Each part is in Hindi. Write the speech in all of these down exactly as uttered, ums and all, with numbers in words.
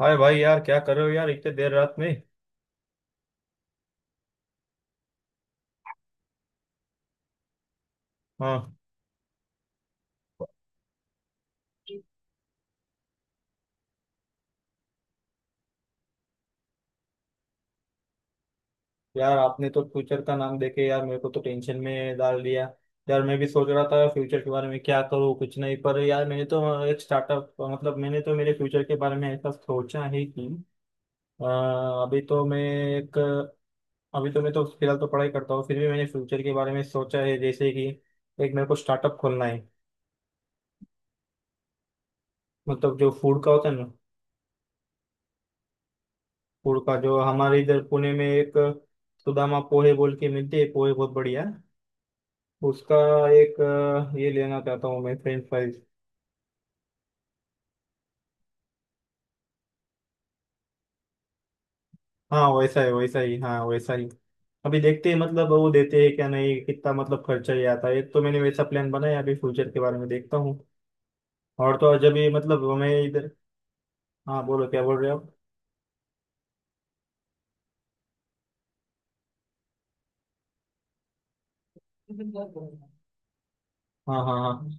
हाय भाई, यार क्या कर रहे हो यार इतने देर रात में। हाँ। यार आपने तो फ्यूचर का नाम देके यार मेरे को तो टेंशन में डाल दिया। यार मैं भी सोच रहा था फ्यूचर के बारे में, क्या करूँ कुछ नहीं। पर यार मैंने तो एक स्टार्टअप, मतलब मैंने तो मेरे फ्यूचर के बारे में ऐसा सोचा है कि अ, अभी तो मैं, एक, अभी तो मैं तो फिलहाल तो पढ़ाई करता हूँ, फिर भी मैंने फ्यूचर के बारे में सोचा है। जैसे कि एक मेरे को स्टार्टअप खोलना है, मतलब जो फूड का होता है ना। गुड़ का जो हमारे इधर पुणे में, एक सुदामा पोहे बोल के मिलती है, पोहे बहुत बढ़िया है। उसका एक अ, ये लेना चाहता हूँ मैं, फ्रेंच फ्राइज। हाँ वैसा ही, वैसा ही, हाँ वैसा ही। अभी देखते हैं मतलब, वो देते हैं क्या नहीं, कितना मतलब खर्चा ही आता है। एक तो मैंने वैसा प्लान बनाया, अभी फ्यूचर के बारे में देखता हूँ। और तो और जब ये, मतलब मैं इधर। हाँ बोलो, क्या बोल रहे हो। आप। हाँ हाँ हाँ।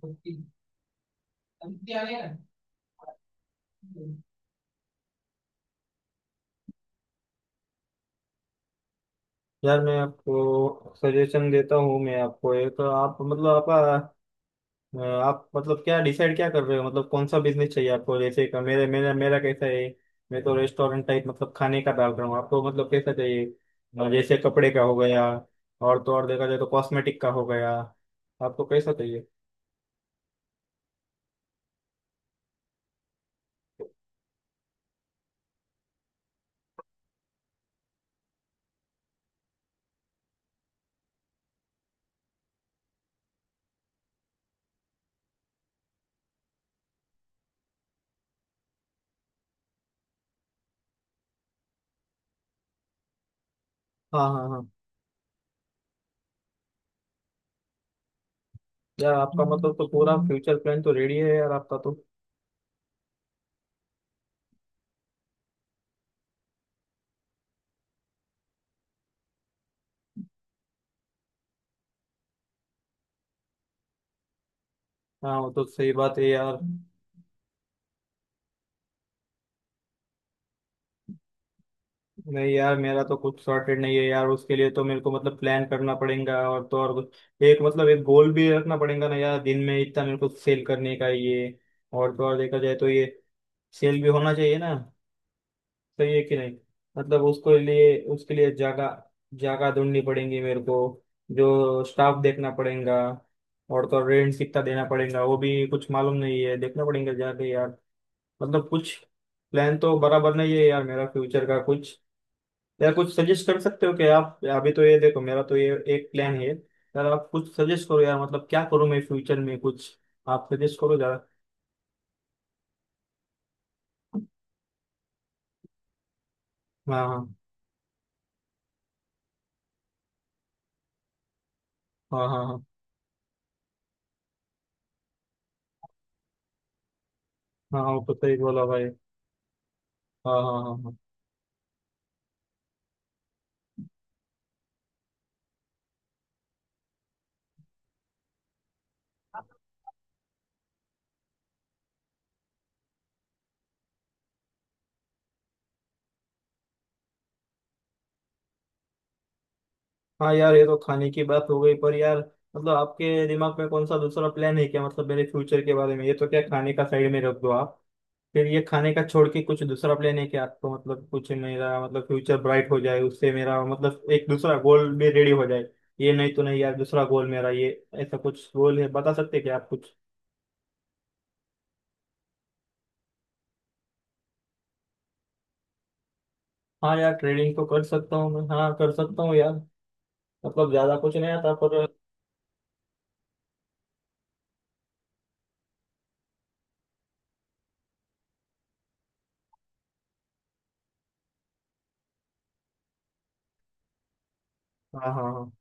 यार मैं आपको सजेशन देता हूँ, मैं आपको एक, आप मतलब आपका अ, आप मतलब क्या डिसाइड क्या कर रहे हो, मतलब कौन सा बिजनेस चाहिए आपको। जैसे कि मेरे, मेरा मेरा कैसा है, मैं तो रेस्टोरेंट टाइप मतलब खाने का डाल रहा हूँ। आपको मतलब कैसा चाहिए, और जैसे कपड़े का हो गया, और तो और देखा जाए तो कॉस्मेटिक का हो गया। आपको कैसा चाहिए। हाँ हाँ हाँ। यार आपका मतलब तो पूरा फ्यूचर प्लान तो रेडी है यार आपका तो। हाँ वो तो सही बात है यार। नहीं यार, मेरा तो कुछ सॉर्टेड नहीं है यार। उसके लिए तो मेरे को मतलब प्लान करना पड़ेगा। और तो और कुछ- एक मतलब एक गोल भी रखना पड़ेगा ना यार, दिन में इतना मेरे को सेल करने का ये। और तो और देखा जाए तो ये सेल भी होना चाहिए ना, सही है कि नहीं। मतलब उसको लिए, उसके लिए जगह, जगह ढूंढनी पड़ेगी मेरे को। जो स्टाफ देखना पड़ेगा, और तो रेंट कितना देना पड़ेगा वो भी कुछ मालूम नहीं है, देखना पड़ेगा जाके यार। मतलब कुछ प्लान तो बराबर नहीं है यार, मेरा फ्यूचर का कुछ। यार कुछ सजेस्ट कर सकते हो कि, आप अभी तो ये देखो मेरा तो ये एक प्लान है यार। आप कुछ सजेस्ट करो यार, मतलब क्या करूँ मैं फ्यूचर में कुछ। आप सजेस्ट करो जरा। हाँ हाँ हाँ। हाँ हाँ हाँ हाँ, वो तो सही बोला भाई। हाँ हाँ हाँ हाँ हाँ। यार ये तो खाने की बात हो गई, पर यार मतलब आपके दिमाग में कौन सा दूसरा प्लान है क्या, मतलब मेरे फ्यूचर के बारे में। ये तो क्या, खाने का साइड में रख दो आप। फिर ये खाने का छोड़ के कुछ दूसरा प्लान है कि आपको, मतलब कुछ मेरा मतलब फ्यूचर ब्राइट हो जाए, उससे मेरा मतलब एक दूसरा गोल भी रेडी हो जाए। ये नहीं तो नहीं यार, दूसरा गोल मेरा, ये ऐसा कुछ गोल है बता सकते हैं क्या आप कुछ। हाँ यार ट्रेडिंग तो कर सकता हूँ मैं, हाँ कर सकता हूँ यार। मतलब ज्यादा कुछ नहीं आता, पर हाँ हाँ हाँ।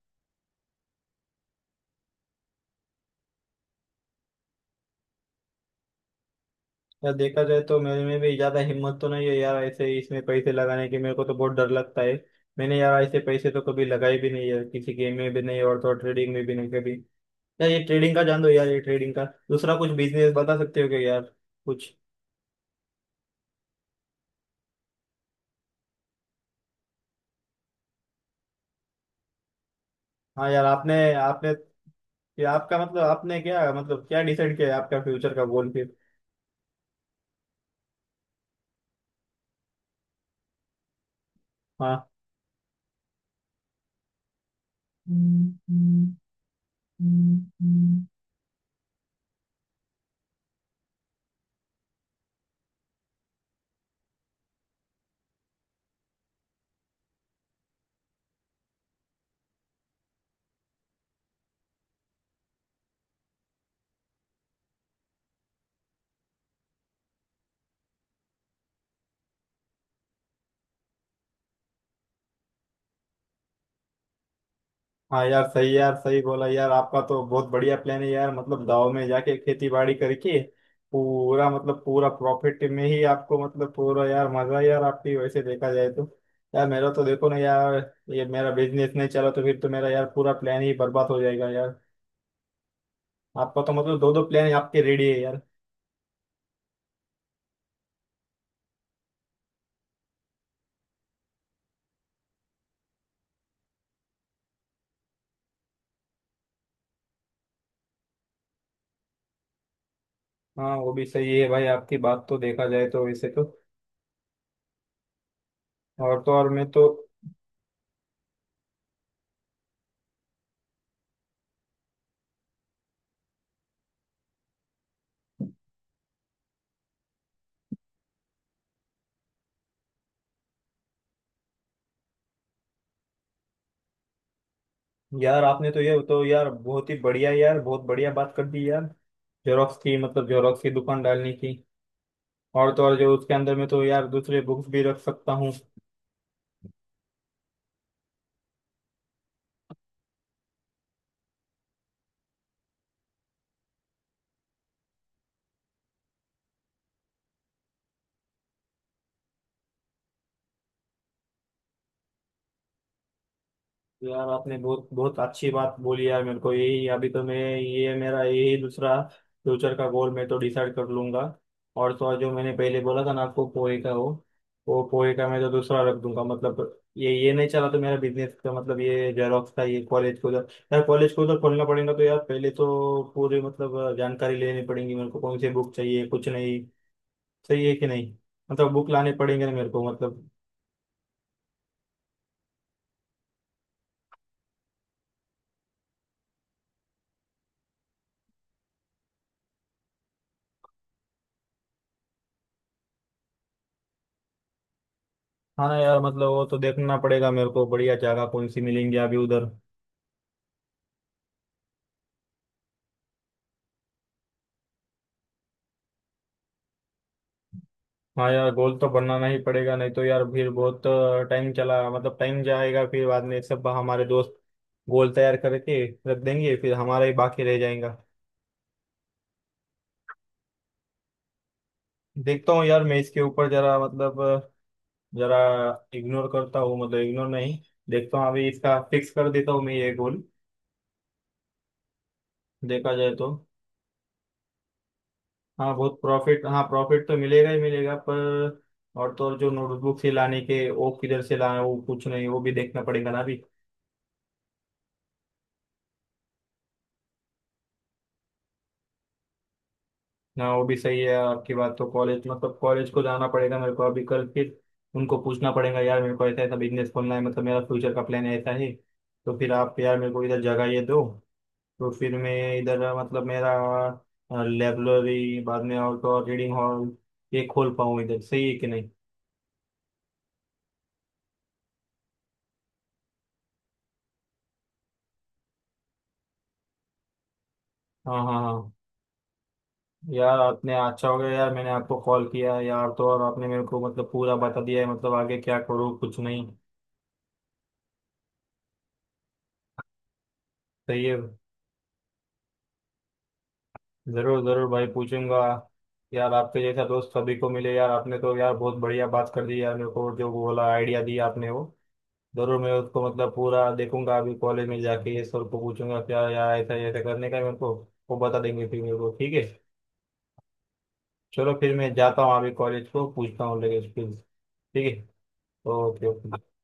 यार देखा जाए तो मेरे में भी ज्यादा हिम्मत तो नहीं है यार, ऐसे ही इसमें पैसे लगाने की मेरे को तो बहुत डर लगता है। मैंने यार ऐसे पैसे तो कभी लगाए भी नहीं है, किसी गेम में भी नहीं, और तो ट्रेडिंग में भी नहीं कभी। यार ये ट्रेडिंग का जान दो यार, ये ट्रेडिंग का, दूसरा कुछ बिजनेस बता सकते हो क्या यार कुछ। हाँ यार आपने, आपने ये आपका मतलब, आपने क्या मतलब क्या डिसाइड किया है, आपका फ्यूचर का गोल फिर। हाँ हाँ। यार सही, यार सही बोला यार, आपका तो बहुत बढ़िया प्लान है यार, मतलब गाँव में जाके खेती बाड़ी करके पूरा मतलब पूरा प्रॉफिट में ही आपको, मतलब पूरा यार मजा है यार आपकी, वैसे देखा जाए तो। यार मेरा तो देखो ना यार, ये मेरा बिजनेस नहीं चला तो फिर तो मेरा यार पूरा प्लान ही बर्बाद हो जाएगा यार। आपका तो मतलब दो दो प्लान आपके रेडी है यार। हाँ वो भी सही है भाई, आपकी बात तो देखा जाए तो वैसे तो। और तो और मैं तो। यार आपने तो ये तो यार बहुत ही बढ़िया यार, बहुत बढ़िया बात कर दी यार। जेरोक्स की, मतलब जेरोक्स की दुकान डालने की। और तो और जो उसके अंदर में तो यार दूसरे बुक्स भी रख सकता हूँ। तो यार आपने बहुत बहुत अच्छी बात बोली यार, मेरे को यही अभी तो मैं, ये मेरा यही दूसरा फ्यूचर का गोल मैं तो डिसाइड कर लूंगा। और तो और जो मैंने पहले बोला था ना आपको, पोए का, हो वो पोए का मैं तो दूसरा रख दूंगा, मतलब ये ये नहीं चला तो मेरा बिजनेस का, मतलब ये जेरॉक्स का, ये कॉलेज को उधर यार, कॉलेज को उधर खोलना पड़ेगा। तो यार पहले तो पूरी मतलब जानकारी लेनी पड़ेगी मेरे को, कौन सी बुक चाहिए कुछ नहीं, सही है कि नहीं। मतलब बुक लाने पड़ेंगे ना मेरे को, मतलब हाँ। ना यार, मतलब वो तो देखना पड़ेगा मेरे को, बढ़िया जगह कौन सी मिलेंगी अभी उधर। हाँ यार गोल तो बनाना ही पड़ेगा, नहीं तो यार फिर बहुत टाइम चला, मतलब टाइम जाएगा, फिर बाद में सब हमारे दोस्त गोल तैयार करके रख देंगे, फिर हमारा ही बाकी रह जाएगा। देखता हूँ यार मैं इसके ऊपर जरा, मतलब जरा इग्नोर करता हूँ, मतलब इग्नोर नहीं, देखता हूँ अभी इसका, फिक्स कर देता हूँ मैं ये गोल। देखा जाए तो, हाँ बहुत प्रॉफिट, हाँ प्रॉफिट तो मिलेगा ही मिलेगा, पर और तो और जो नोटबुक से लाने के, वो किधर से लाए वो कुछ नहीं, वो भी देखना पड़ेगा ना अभी। ना वो भी सही है आपकी बात तो, कॉलेज मतलब कॉलेज को जाना पड़ेगा मेरे को अभी कल फिर, उनको पूछना पड़ेगा यार मेरे को, ऐसा ऐसा बिजनेस खोलना है, मतलब मेरा फ्यूचर का प्लान ऐसा है, तो फिर आप यार मेरे को इधर जगह ये दो, तो फिर मैं इधर मतलब मेरा लाइब्रेरी बाद में और तो और रीडिंग हॉल ये खोल पाऊँ इधर, सही है कि नहीं। हाँ हाँ हाँ। यार आपने अच्छा हो गया यार मैंने आपको कॉल किया यार, तो और आपने मेरे को मतलब पूरा बता दिया है, मतलब आगे क्या करूँ कुछ नहीं। सही है। जरूर जरूर भाई पूछूंगा। यार आपके जैसा दोस्त सभी को मिले यार, आपने तो यार बहुत बढ़िया बात कर दी यार मेरे को, जो बोला आइडिया दिया आपने वो जरूर मैं उसको मतलब पूरा देखूंगा, अभी कॉलेज में जाके ये सर को पूछूंगा क्या यार, ऐसा ऐसा करने का है मेरे को, वो बता देंगे फिर मेरे को, ठीक है। चलो फिर मैं जाता हूँ, अभी कॉलेज को पूछता हूँ लगे फिर, ठीक है। Okay okay.